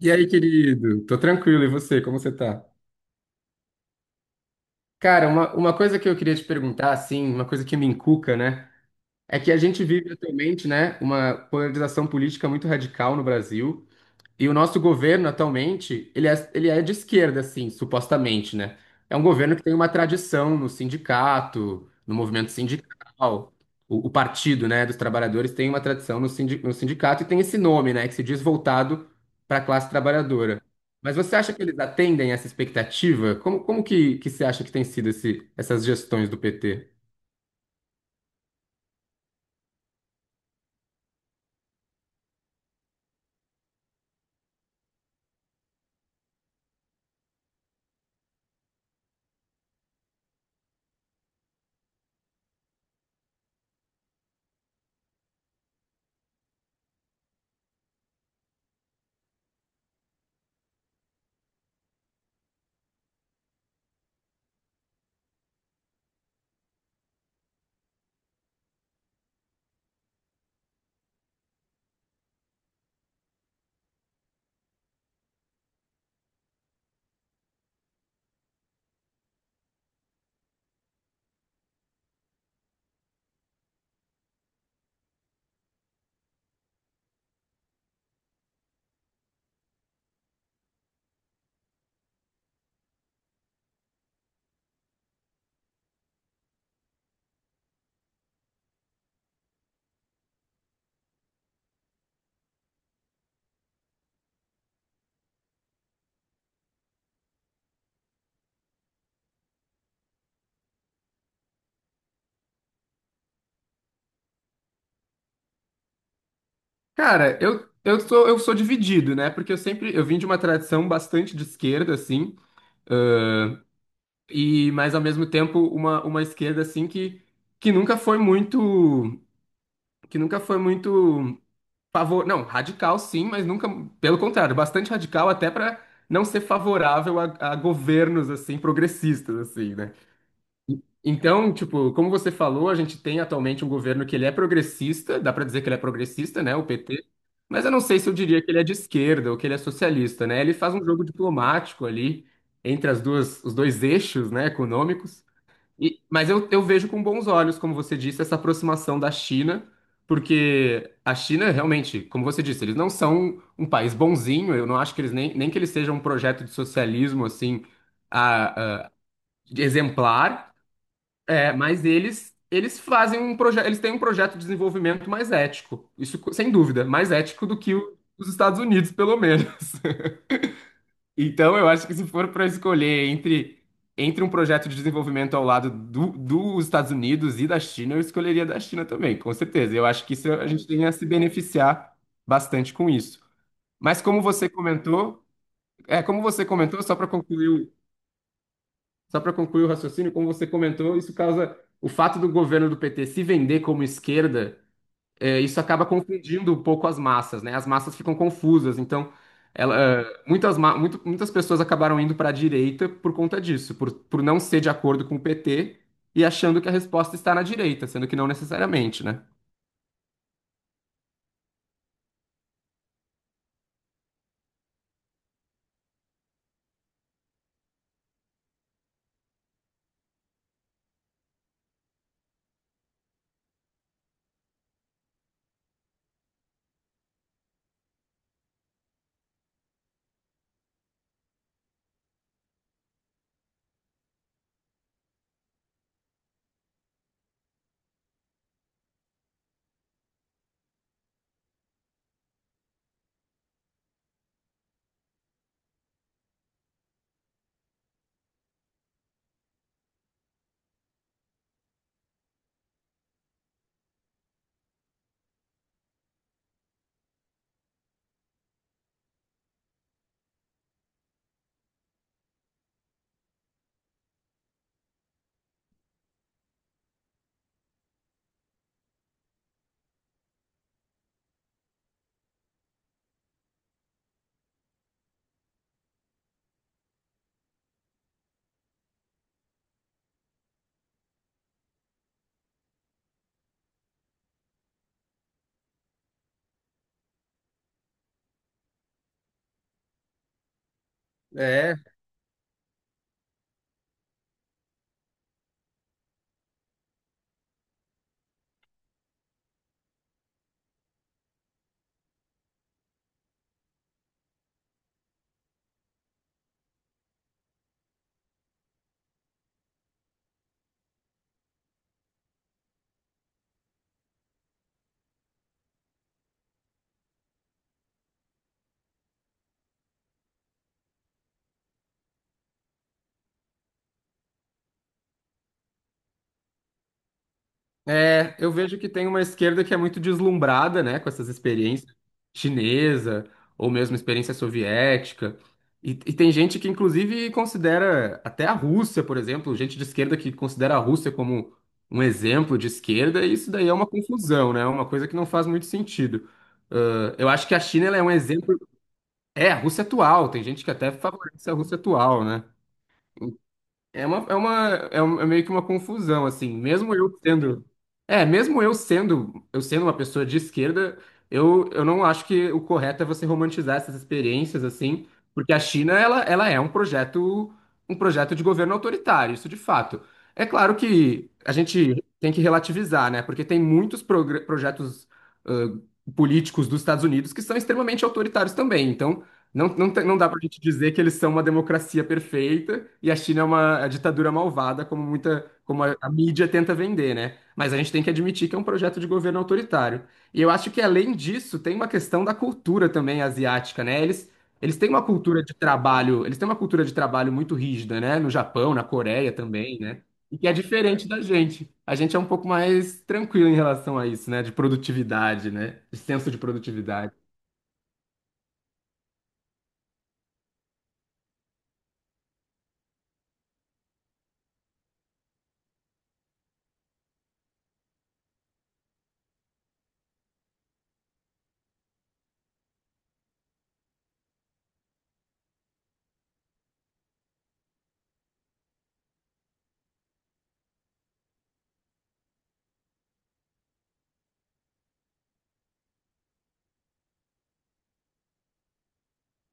E aí, querido? Tô tranquilo, e você? Como você tá? Cara, uma coisa que eu queria te perguntar, assim, uma coisa que me encuca, né? É que a gente vive atualmente, né, uma polarização política muito radical no Brasil. E o nosso governo atualmente, ele é de esquerda, assim, supostamente, né? É um governo que tem uma tradição no sindicato, no movimento sindical. O Partido, né, dos Trabalhadores tem uma tradição no, no sindicato e tem esse nome, né, que se diz voltado para a classe trabalhadora. Mas você acha que eles atendem essa expectativa? Como, como que você acha que tem sido esse, essas gestões do PT? Cara, eu sou dividido, né? Porque eu sempre eu vim de uma tradição bastante de esquerda, assim. Mas ao mesmo tempo uma esquerda assim que, que nunca foi muito nunca foi muito favor, não, radical sim, mas nunca, pelo contrário, bastante radical até para não ser favorável a governos assim progressistas assim, né? Então, tipo, como você falou, a gente tem atualmente um governo que ele é progressista, dá para dizer que ele é progressista, né, o PT. Mas eu não sei se eu diria que ele é de esquerda ou que ele é socialista, né? Ele faz um jogo diplomático ali entre as duas, os dois eixos, né, econômicos. Mas eu vejo com bons olhos, como você disse, essa aproximação da China, porque a China realmente, como você disse, eles não são um país bonzinho, eu não acho que eles nem, nem que eles sejam um projeto de socialismo assim a- a- exemplar, é, mas eles fazem um projeto, eles têm um projeto de desenvolvimento mais ético, sem dúvida, mais ético do que o, os Estados Unidos, pelo menos. Então, eu acho que se for para escolher entre, entre um projeto de desenvolvimento ao lado do, dos Estados Unidos e da China, eu escolheria da China também, com certeza. Eu acho que isso, a gente tem a se beneficiar bastante com isso. Mas como você comentou, Como você comentou, só para concluir o raciocínio, como você comentou, isso causa o fato do governo do PT se vender como esquerda é, isso acaba confundindo um pouco as massas, né? As massas ficam confusas, então ela, eh, muitas, ma- muito- muitas pessoas acabaram indo para a direita por conta disso, por não ser de acordo com o PT e achando que a resposta está na direita, sendo que não necessariamente, né? É, eu vejo que tem uma esquerda que é muito deslumbrada, né, com essas experiências chinesa ou mesmo experiência soviética. E tem gente que, inclusive, considera até a Rússia, por exemplo, gente de esquerda que considera a Rússia como um exemplo de esquerda, e isso daí é uma confusão, né? É uma coisa que não faz muito sentido. Ah, eu acho que a China ela é um exemplo. É, a Rússia atual, tem gente que até favorece a Rússia atual, né? É meio que uma confusão, assim. Mesmo eu sendo. É, eu sendo uma pessoa de esquerda, eu não acho que o correto é você romantizar essas experiências, assim, porque a China, ela é um projeto de governo autoritário, isso de fato. É claro que a gente tem que relativizar, né? Porque tem muitos projetos, ãh, políticos dos Estados Unidos que são extremamente autoritários também. Então, não dá pra gente dizer que eles são uma democracia perfeita e a China é uma ditadura malvada, como muita, como a mídia tenta vender, né? Mas a gente tem que admitir que é um projeto de governo autoritário. E eu acho que, além disso, tem uma questão da cultura também asiática, né? Eles têm uma cultura de trabalho, eles têm uma cultura de trabalho muito rígida, né? No Japão, na Coreia também, né? E que é diferente da gente. A gente é um pouco mais tranquilo em relação a isso, né? De produtividade, né? De senso de produtividade.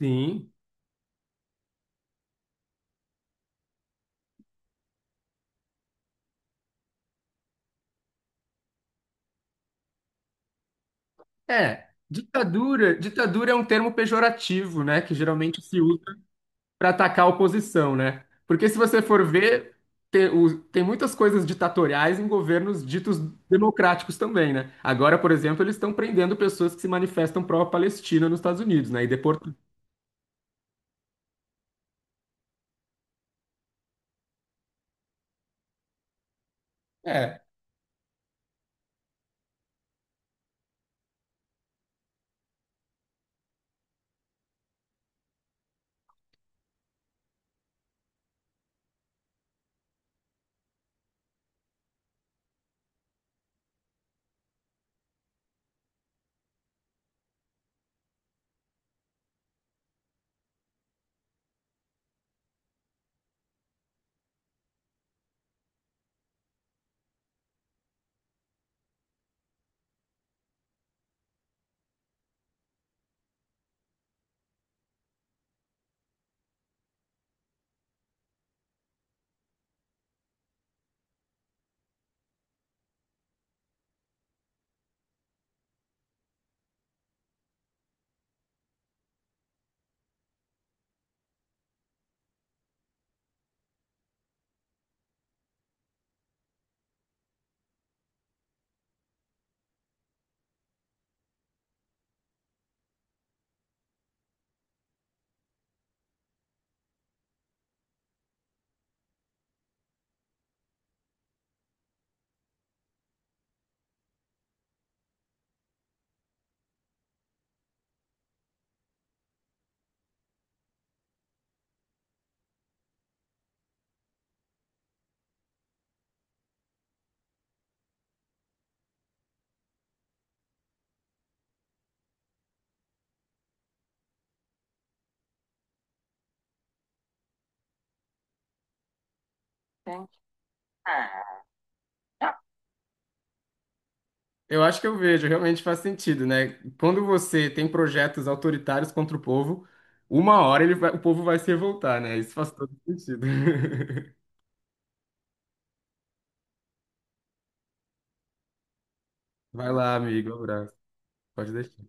Sim. É, ditadura é um termo pejorativo, né, que geralmente se usa para atacar a oposição, né? Porque se você for ver, muitas coisas ditatoriais em governos ditos democráticos também, né? Agora, por exemplo, eles estão prendendo pessoas que se manifestam pró-Palestina nos Estados Unidos, né? E deportando. É. Eu acho que eu vejo, realmente faz sentido, né? Quando você tem projetos autoritários contra o povo, uma hora o povo vai se revoltar, né? Isso faz todo sentido. Vai lá, amigo. Um abraço. Pode deixar.